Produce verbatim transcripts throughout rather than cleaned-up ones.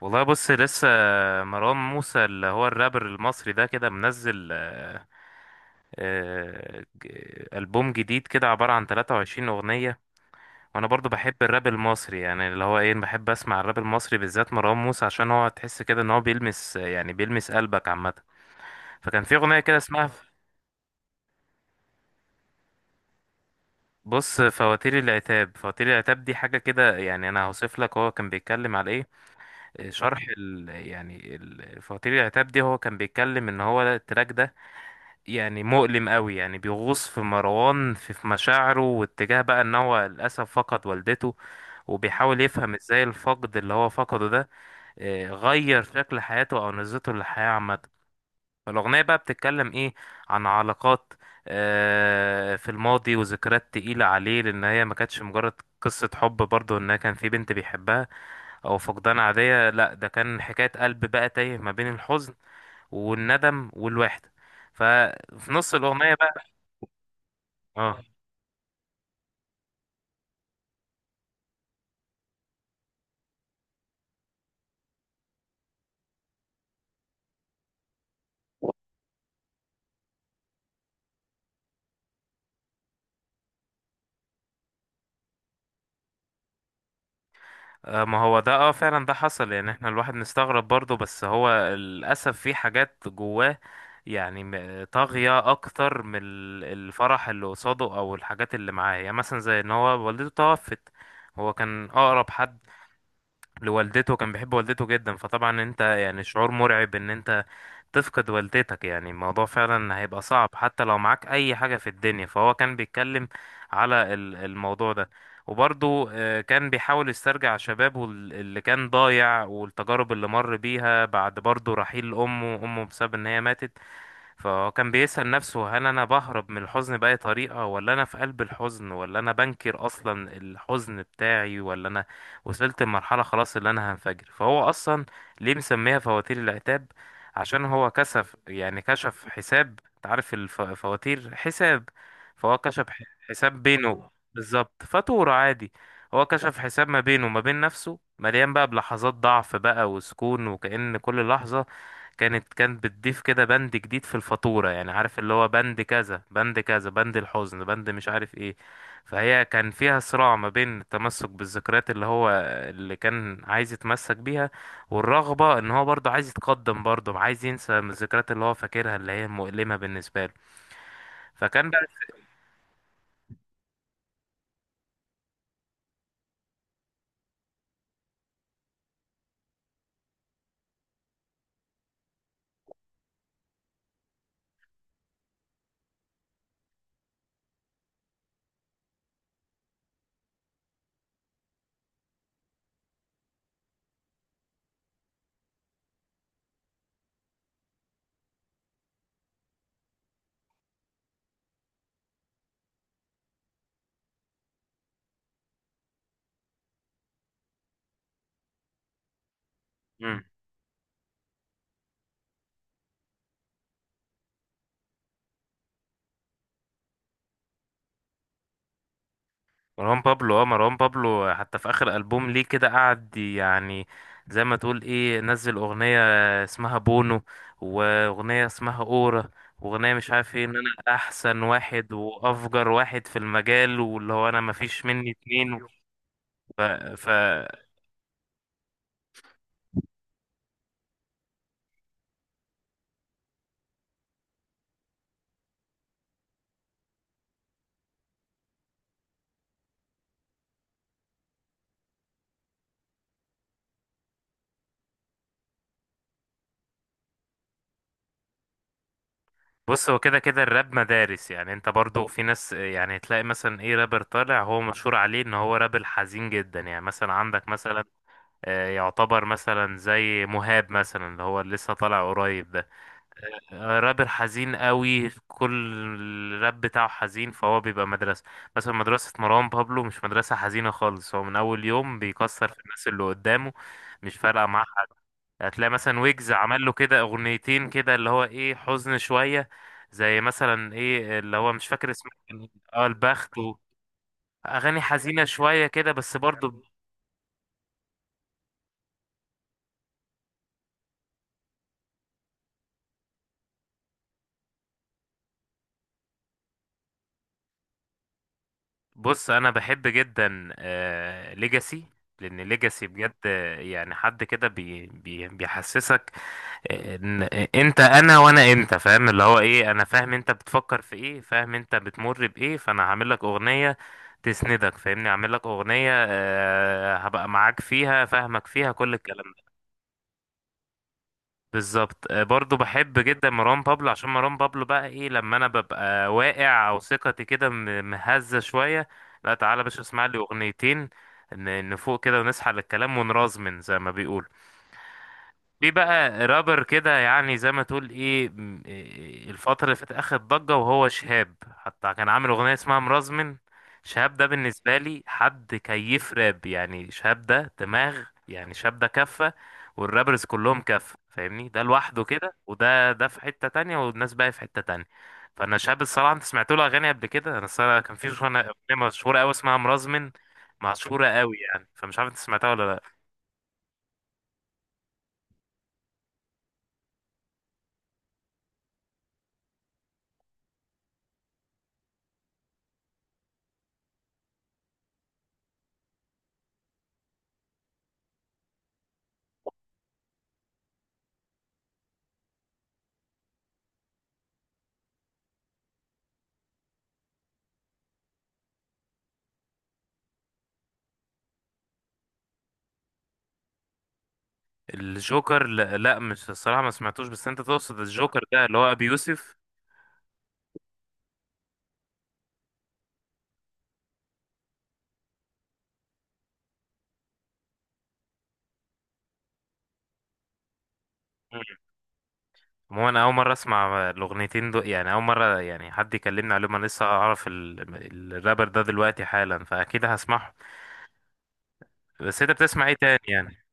والله بص لسه مروان موسى اللي هو الرابر المصري ده كده منزل آه، آه، ج- ألبوم جديد كده عبارة عن ثلاث وعشرين أغنية. وأنا برضو بحب الراب المصري يعني اللي هو إيه، بحب أسمع الراب المصري بالذات مروان موسى عشان هو تحس كده إن هو بيلمس يعني بيلمس قلبك عامة. فكان في أغنية كده اسمها بص فواتير العتاب. فواتير العتاب دي حاجة كده يعني، أنا هوصف لك هو كان بيتكلم على إيه. آه، شرح ال يعني ال- فواتير العتاب دي، هو كان بيتكلم إن هو التراك ده يعني مؤلم قوي، يعني بيغوص في مروان في في مشاعره واتجاه بقى ان هو للاسف فقد والدته، وبيحاول يفهم ازاي الفقد اللي هو فقده ده آه، غير شكل حياته او نظرته للحياة عامة. فالاغنية بقى بتتكلم ايه؟ عن علاقات آه، في الماضي وذكريات تقيلة عليه، لان هي ما كانتش مجرد قصة حب برضه ان كان في بنت بيحبها او فقدان عادية. لا، ده كان حكاية قلب بقى تايه ما بين الحزن والندم والوحدة. ففي نص الأغنية بقى اه، آه، ما هو ده اه فعلا ده حصل. يعني احنا الواحد نستغرب برضه، بس هو للأسف في حاجات جواه يعني م- طاغية أكتر من ال- الفرح اللي قصاده أو الحاجات اللي معاه. يعني مثلا زي إن هو والدته توفت، هو كان أقرب حد لوالدته، كان بيحب والدته جدا. فطبعا انت يعني شعور مرعب ان انت تفقد والدتك، يعني الموضوع فعلا هيبقى صعب حتى لو معاك اي حاجة في الدنيا. فهو كان بيتكلم على ال- الموضوع ده. وبرضه آه، كان بيحاول يسترجع شبابه ال- اللي كان ضايع والتجارب اللي مر بيها بعد برضه رحيل امه امه بسبب ان هي ماتت. فهو كان بيسأل نفسه، هل أنا بهرب من الحزن بأي طريقة، ولا أنا في قلب الحزن، ولا أنا بنكر أصلا الحزن بتاعي، ولا أنا وصلت لمرحلة خلاص اللي أنا هنفجر؟ فهو أصلا ليه مسميها فواتير العتاب؟ عشان هو كشف يعني كشف حساب. أنت عارف الفواتير حساب، فهو كشف ح- حساب بينه بالظبط، فاتورة عادي. هو كشف حساب ما بينه وما بين نفسه، مليان بقى بلحظات ضعف بقى وسكون، وكأن كل لحظة كانت كانت بتضيف كده بند جديد في الفاتورة. يعني عارف اللي هو بند كذا بند كذا، بند الحزن، بند مش عارف ايه. فهي كان فيها صراع ما بين التمسك بالذكريات اللي هو اللي كان عايز يتمسك بيها، والرغبة ان هو برضه عايز يتقدم، برضه عايز ينسى من الذكريات اللي هو فاكرها اللي هي مؤلمة بالنسبة له. فكان بقى مم. مروان بابلو، اه مروان بابلو حتى في اخر البوم ليه كده قعد يعني زي ما تقول ايه، نزل اغنية اسمها بونو، واغنية اسمها اورا، واغنية مش عارف ايه، ان انا احسن واحد وافجر واحد في المجال، واللي هو انا مفيش مني اتنين. ف, ف بص، هو كده كده الراب مدارس. يعني انت برضو في ناس، يعني تلاقي مثلا ايه، رابر طالع هو مشهور عليه ان هو راب الحزين جدا، يعني مثلا عندك مثلا آه، يعتبر مثلا زي مهاب مثلا اللي هو لسه طالع قريب ده، آه، رابر حزين قوي، كل الراب بتاعه حزين، فهو بيبقى مدرسة. مثلا مدرسة مروان بابلو مش مدرسة حزينة خالص، هو من أول يوم بيكسر في الناس اللي قدامه، مش فارقة معاه حد. هتلاقي مثلا ويجز عمل له كده أغنيتين كده اللي هو إيه، حزن شوية، زي مثلا إيه اللي هو مش فاكر اسمه كان إيه. اه البخت و... أغاني حزينة شوية كده بس برضو. بص أنا بحب جدا آه ليجاسي، لأن ليجاسي بجد آه، يعني حد كده بي... بي... بيحسسك إن- انت انا وانا انت، فاهم اللي هو ايه، انا فاهم انت بتفكر في ايه، فاهم انت بتمر بايه، فانا هعمل لك اغنية تسندك، فاهمني، هعمل لك اغنية آه، هبقى معاك فيها، فاهمك فيها كل الكلام ده. بالظبط. آه، برضو بحب جدا مروان بابلو عشان مروان بابلو بقى ايه، لما انا ببقى واقع او ثقتي كده م- مهزة شوية، لا تعالى يا باشا اسمع لي اغنيتين ن- نفوق كده ونسحل الكلام ونرازمن زي ما بيقولوا. في بقى رابر كده يعني زي ما تقول ايه م- إيه إيه، الفترة اللي فاتت اخد ضجة وهو شهاب، حتى كان عامل اغنية اسمها مرزمن. شهاب ده بالنسبة لي حد كيف راب، يعني شهاب ده دماغ، يعني شهاب ده كفة والرابرز كلهم كفة، فاهمني، ده لوحده كده، وده ده في حتة تانية والناس بقى في حتة تانية. فانا شهاب الصراحة، انت سمعت له اغاني قبل كده؟ انا الصراحة كان في اغنية أغنية مشهورة قوي اسمها مرزمن، مشهورة قوي يعني، فمش عارف انت سمعتها ولا لا. الجوكر لا, لا مش الصراحة ما سمعتوش، بس انت تقصد الجوكر ده اللي هو ابي يوسف؟ مم. هو انا اول مرة اسمع الاغنيتين دول، يعني اول مرة يعني حد يكلمني عليهم، انا لسه اعرف ال- الرابر ده دلوقتي حالا، فاكيد هسمعه. بس انت بتسمع ايه تاني يعني؟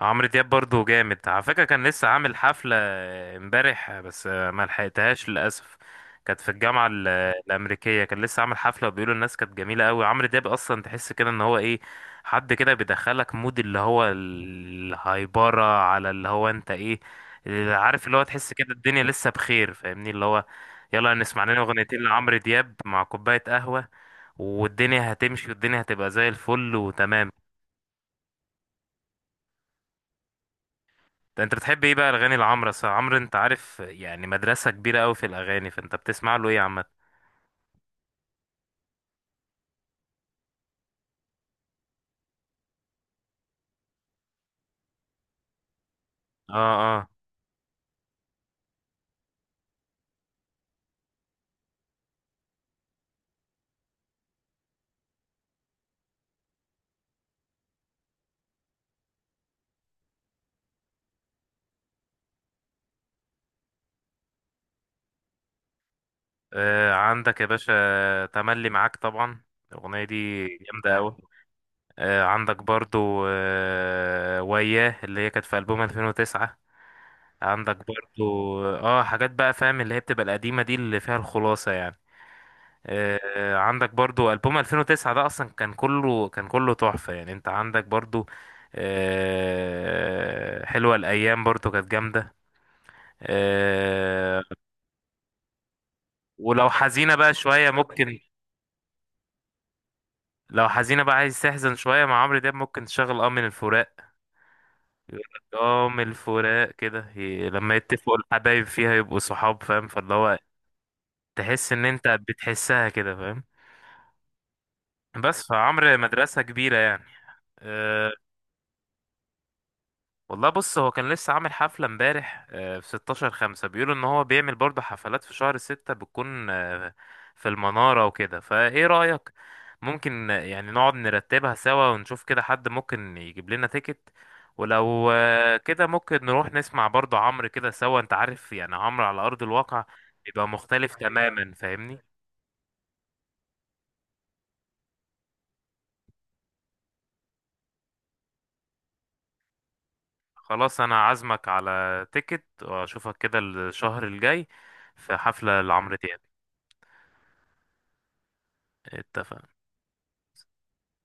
عمرو دياب برضو جامد، على فكرة كان لسه عامل حفلة امبارح بس ما لحقتهاش للأسف، كانت في الجامعة ال- الأمريكية. كان لسه عامل حفلة وبيقولوا الناس كانت جميلة قوي. عمرو دياب أصلا تحس كده إن هو إيه، حد كده بيدخلك مود اللي هو الهايبرة على اللي هو أنت إيه، اللي عارف اللي هو تحس كده الدنيا لسه بخير، فاهمني، اللي هو يلا نسمع لنا أغنيتين لعمرو دياب مع كوباية قهوة والدنيا هتمشي، والدنيا هتبقى زي الفل وتمام. ده انت بتحب ايه بقى الاغاني لعمرو؟ أصل عمرو انت عارف يعني مدرسه كبيره قوي في الاغاني، فانت بتسمع له ايه عامه؟ اه، اه، آه، عندك يا باشا تملي معاك طبعا، الاغنيه دي جامده قوي. آه عندك برضو آه وياه، اللي هي كانت في البوم ألفين وتسعة. عندك برضو اه حاجات بقى فاهم اللي هي بتبقى القديمه دي اللي فيها الخلاصه يعني. آه، عندك برضو ألبوم ألفين وتسعة، ده أصلا كان كله كان كله تحفة يعني. أنت عندك برضو آه، حلوة الأيام برضو كانت جامدة. آه، ولو حزينة بقى شوية ممكن، لو حزينة بقى عايز تحزن شوية مع عمرو دياب، ممكن تشغل اه من الفراق. يقول لك اه من الفراق كده ي- لما يتفقوا الحبايب فيها يبقوا صحاب، فاهم، فاللي هو تحس إن أنت بتحسها كده، فاهم. بس فعمرو مدرسة كبيرة يعني. آه، والله بص هو كان لسه عامل حفلة امبارح آه، في ستاشر خمسة، بيقولوا ان هو بيعمل برضه حفلات في شهر ستة بتكون آه، في المنارة وكده. فايه رأيك؟ ممكن آه، يعني نقعد نرتبها سوا ونشوف كده حد ممكن يجيب لنا تيكت، ولو آه، كده ممكن نروح نسمع برضه عمرو كده سوا. انت عارف يعني عمرو على أرض الواقع بيبقى مختلف تماما، فاهمني. خلاص انا عازمك على تيكت، واشوفك كده الشهر الجاي في حفلة لعمرو دياب. اتفقنا.